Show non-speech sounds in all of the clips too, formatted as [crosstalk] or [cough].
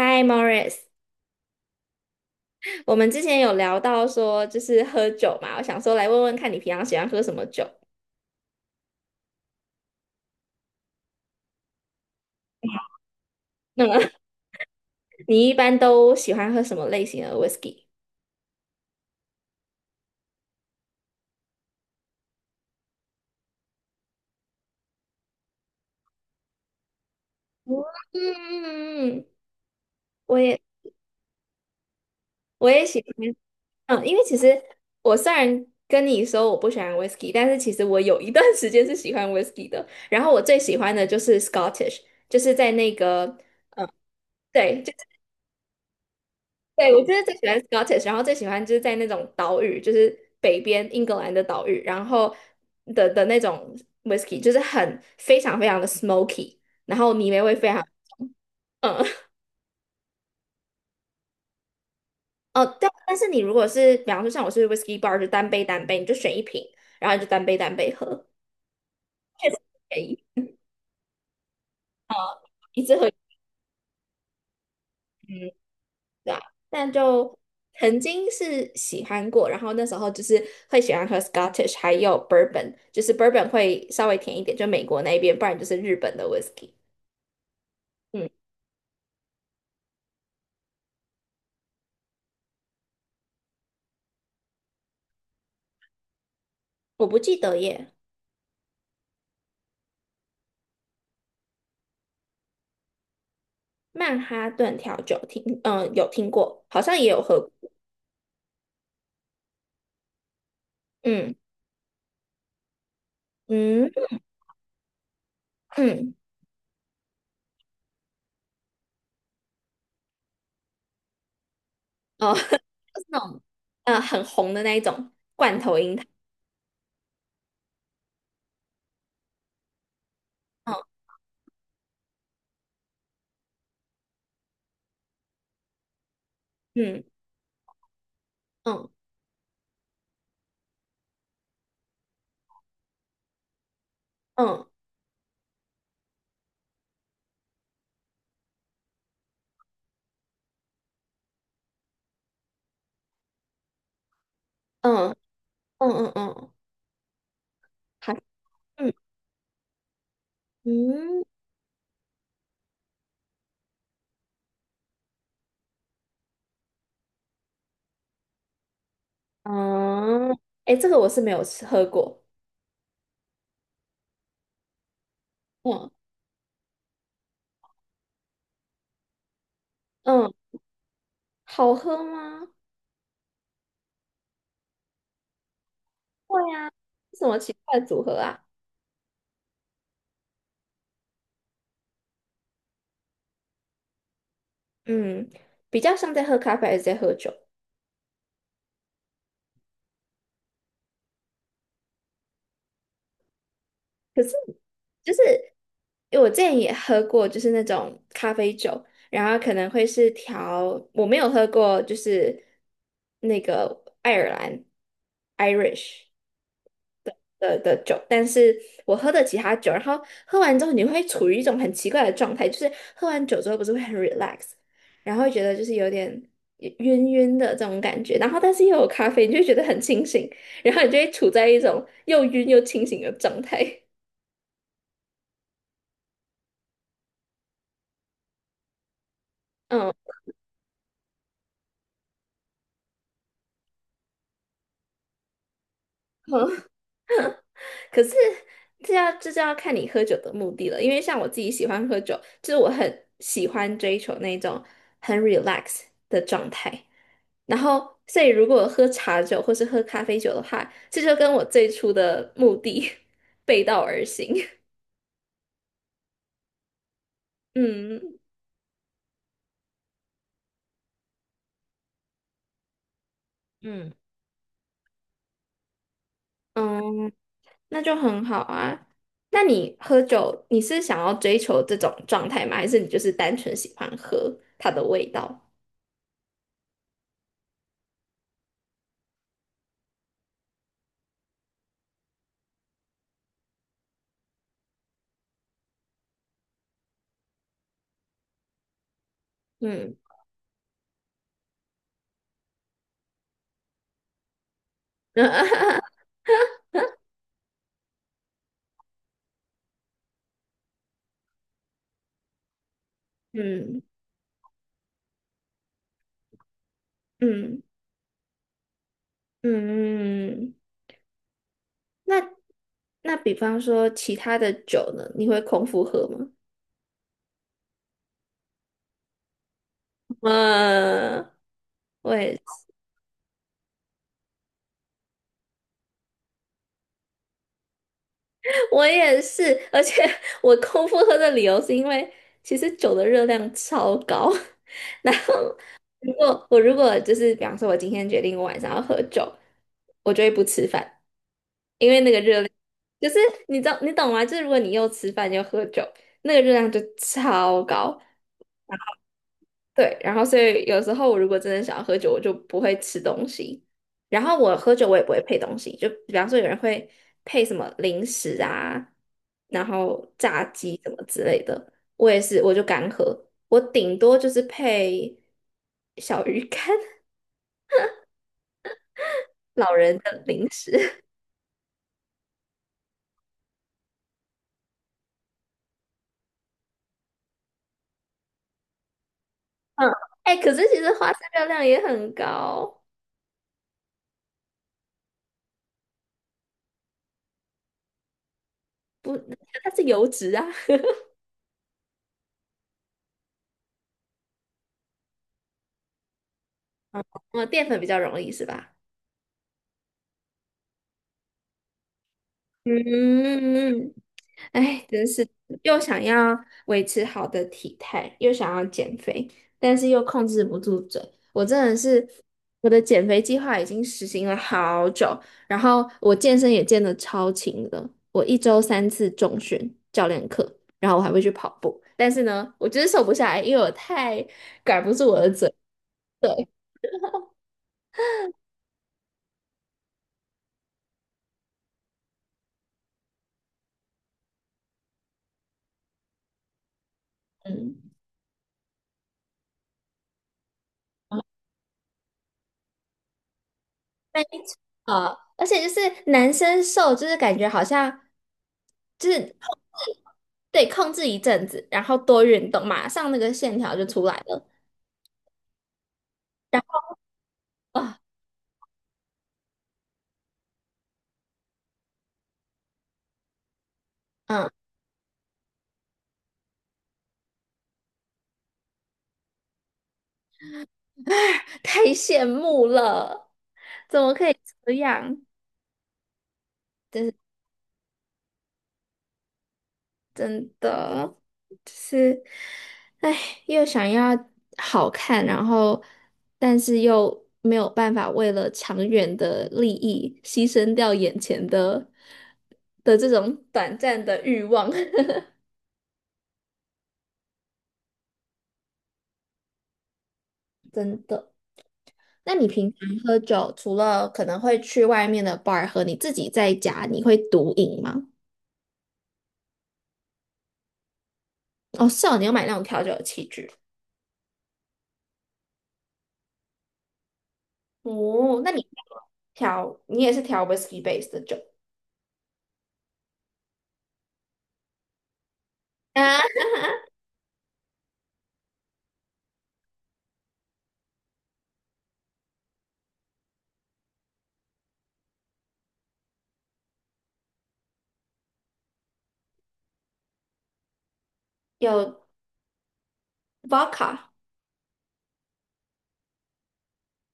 Hi Morris，我们之前有聊到说就是喝酒嘛，我想说来问问看你平常喜欢喝什么酒。那么 [laughs] 你一般都喜欢喝什么类型的 whisky？嗯，我也我也喜欢。嗯，因为其实我虽然跟你说我不喜欢 whisky，但是其实我有一段时间是喜欢 whisky 的。然后我最喜欢的就是 Scottish，就是在那个对，就。对，我就是最喜欢 Scottish，然后最喜欢就是在那种岛屿，就是北边英格兰的岛屿，然后的那种 whisky，就是很非常非常的 smoky，然后泥煤味非常。嗯，哦，对，但是你如果是，比方说像我是 whisky bar，就单杯单杯，你就选一瓶，然后你就单杯单杯喝，确实便宜啊，一直喝。嗯，对啊，但就曾经是喜欢过，然后那时候就是会喜欢喝 Scottish，还有 Bourbon，就是 Bourbon 会稍微甜一点，就美国那边，不然就是日本的 Whisky。嗯，我不记得耶。曼哈顿调酒听，嗯、有听过，好像也有喝过。嗯嗯嗯。哦，[laughs] 就是那种很红的那一种罐头樱桃。哦嗯嗯嗯嗯嗯嗯嗯，嗯好，嗯嗯嗯。哎、诶这个我是没有吃喝过。嗯嗯。好喝吗？会啊，什么奇怪的组合啊？嗯，比较像在喝咖啡还是在喝酒？可是就是因为我之前也喝过，就是那种咖啡酒，然后可能会是调，我没有喝过，就是那个爱尔兰 Irish。的酒，但是我喝的其他酒，然后喝完之后你会处于一种很奇怪的状态，就是喝完酒之后不是会很 relax，然后会觉得就是有点晕晕的这种感觉，然后但是又有咖啡，你就会觉得很清醒，然后你就会处在一种又晕又清醒的状态。嗯，[laughs] 可是这就要看你喝酒的目的了，因为像我自己喜欢喝酒，就是我很喜欢追求那种很 relax 的状态。然后，所以如果喝茶酒或是喝咖啡酒的话，这就跟我最初的目的 [laughs] 背道而行。[laughs] 嗯嗯，嗯，那就很好啊。那你喝酒，你是想要追求这种状态吗？还是你就是单纯喜欢喝它的味道？嗯 [laughs] 嗯嗯嗯。那那比方说其他的酒呢，你会空腹喝吗？嗯，我也我也是。而且 [laughs] 我空腹喝的理由是因为其实酒的热量超高。[laughs] 然后如果就是比方说我今天决定我晚上要喝酒，我就会不吃饭，因为那个热量就是你知道你懂吗？就是如果你又吃饭又喝酒，那个热量就超高。对，然后所以有时候我如果真的想要喝酒，我就不会吃东西。然后我喝酒我也不会配东西，就比方说有人会配什么零食啊，然后炸鸡什么之类的，我也是我就干喝，我顶多就是配小鱼干、[laughs] 老人的零食。[laughs] 嗯，哎、可是其实花生热量也很高。不，它是油脂啊。[laughs] 嗯，淀粉比较容易是吧？嗯，哎，真是又想要维持好的体态，又想要减肥，但是又控制不住嘴。我真的是，我的减肥计划已经实行了好久，然后我健身也健得超勤的。我一周三次重训教练课，然后我还会去跑步。但是呢，我就是瘦不下来，因为我太管不住我的嘴。对，嗯。没错，而且就是男生瘦，就是感觉好像就是。对，控制一阵子，然后多运动，马上那个线条就出来了。然后啊，嗯，太羡慕了，怎么可以这样？真真的，就是，哎，又想要好看，然后但是又没有办法为了长远的利益牺牲掉眼前的这种短暂的欲望。[laughs] 真的。那你平常喝酒，除了可能会去外面的 bar 喝，你自己在家你会独饮吗？哦，是哦，你要买那种调酒的器具。哦，那你调，你也是调 whisky base 的酒，啊？有 vodka。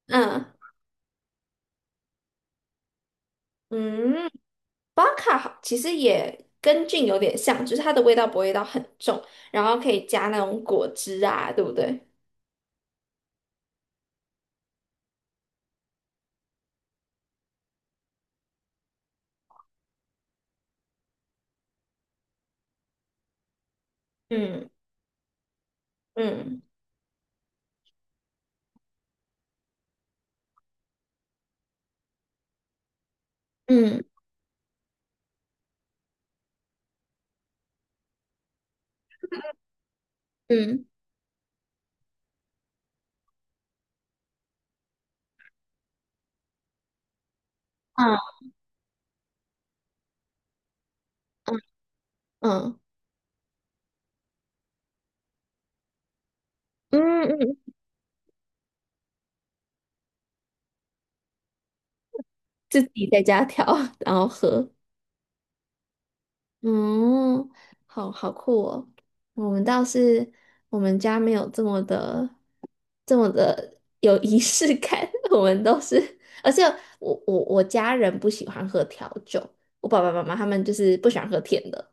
嗯，嗯，vodka 好其实也跟 gin 有点像，就是它的味道不会到很重，然后可以加那种果汁啊，对不对？嗯嗯嗯嗯嗯嗯嗯嗯，嗯自己在家调，然后喝。嗯，好好酷哦。我们倒是我们家没有这么的这么的有仪式感，[laughs] 我们都是。而且我家人不喜欢喝调酒，我爸爸妈妈他们就是不喜欢喝甜的，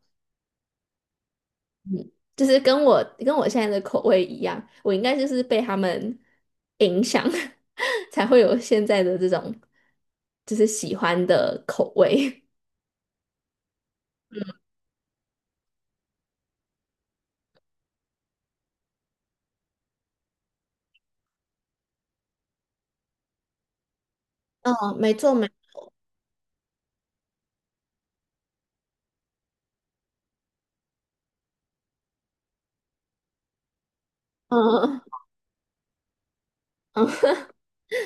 就是跟我现在的口味一样，我应该就是被他们影响，[laughs] 才会有现在的这种就是喜欢的口味。[laughs] 嗯，没错没。[laughs] 嗯嗯。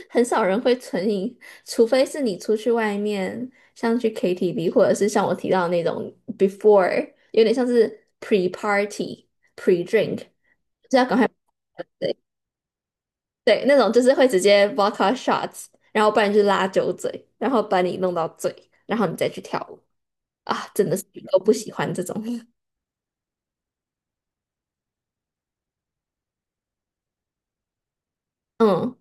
很少人会存银，除非是你出去外面，像去 KTV，或者是像我提到的那种 before，有点像是 pre party、pre drink，就是要赶快对对那种就是会直接 vodka shots，然后不然就是拉酒嘴，然后把你弄到醉，然后你再去跳舞啊。真的是都不喜欢这种。嗯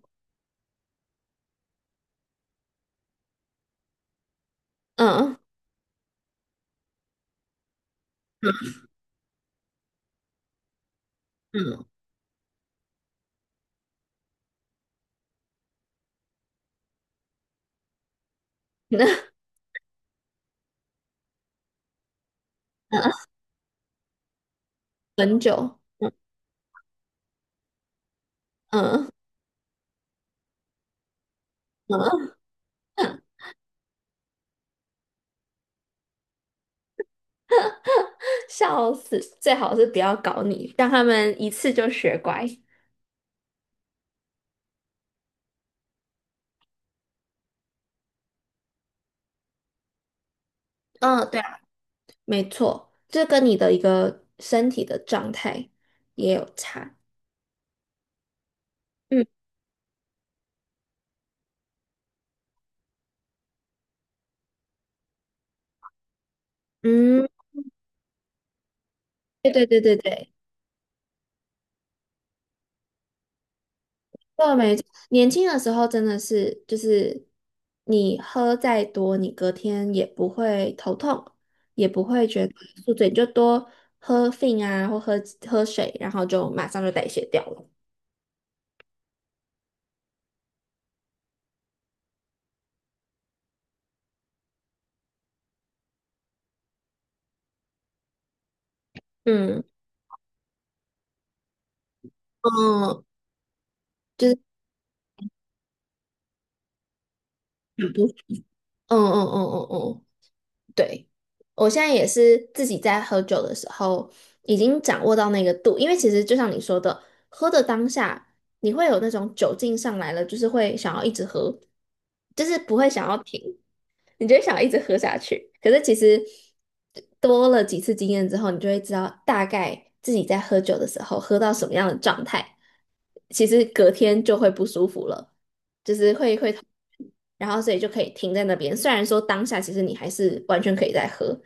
嗯嗯嗯，[laughs] 那嗯很久，嗯嗯。嗯笑死，最好是不要搞你，让他们一次就学乖。嗯，对啊，没错，这跟你的一个身体的状态也有差。嗯嗯，对对对对对，对啊，没错。年轻的时候真的是，就是你喝再多，你隔天也不会头痛，也不会觉得宿醉，你就多喝 f 啊，或喝水，然后就马上就代谢掉了。嗯嗯，就是很不，嗯嗯嗯嗯嗯。对，我现在也是自己在喝酒的时候，已经掌握到那个度，因为其实就像你说的，喝的当下，你会有那种酒劲上来了，就是会想要一直喝，就是不会想要停。你就会想要一直喝下去。可是其实多了几次经验之后，你就会知道大概自己在喝酒的时候喝到什么样的状态，其实隔天就会不舒服了，就是会会。然后所以就可以停在那边。虽然说当下其实你还是完全可以再喝，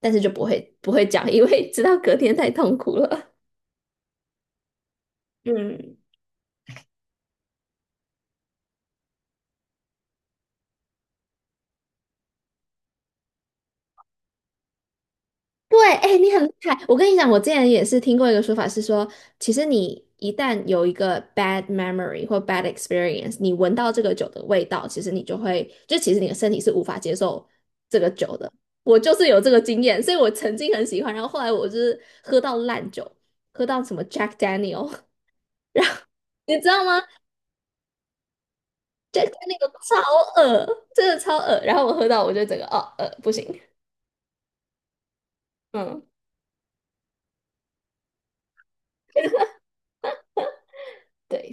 但是就不会讲，因为知道隔天太痛苦了。嗯。对，哎，你很厉害。我跟你讲，我之前也是听过一个说法是说，其实你一旦有一个 bad memory 或 bad experience，你闻到这个酒的味道，其实你就会，就其实你的身体是无法接受这个酒的。我就是有这个经验，所以我曾经很喜欢，然后后来我就是喝到烂酒，喝到什么 Jack Daniel，[laughs] 你知道吗？Jack Daniel 超恶，真的超恶。然后我喝到，我就整个哦，不行。嗯，对，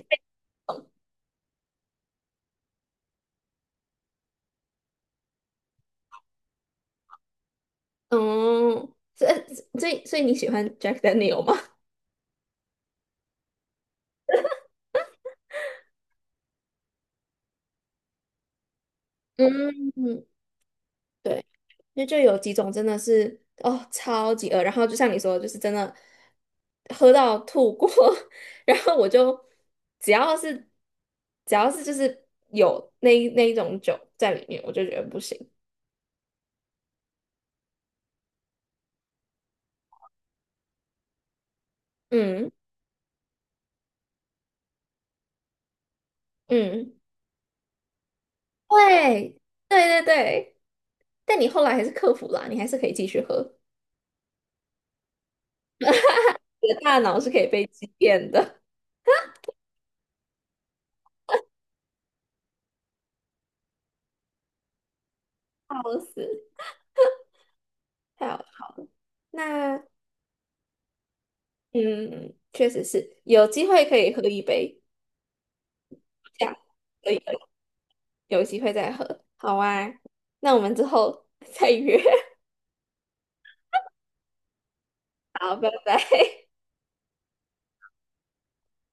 嗯，所以你喜欢 Jack Daniel 吗？嗯，对，因为就有几种真的是哦，超级饿，然后就像你说的，就是真的喝到吐过。[laughs] 然后我就只要是只要是就是有那一种酒在里面，我就觉得不行。嗯嗯，对对对对，但你后来还是克服了啊，你还是可以继续喝。[laughs] 你的大脑是可以被欺骗的。笑死，太好笑了。那嗯，确实是，有机会可以喝一杯，这样可以可以有机会再喝。好啊，那我们之后 [laughs] 再约。[laughs] 好，拜拜。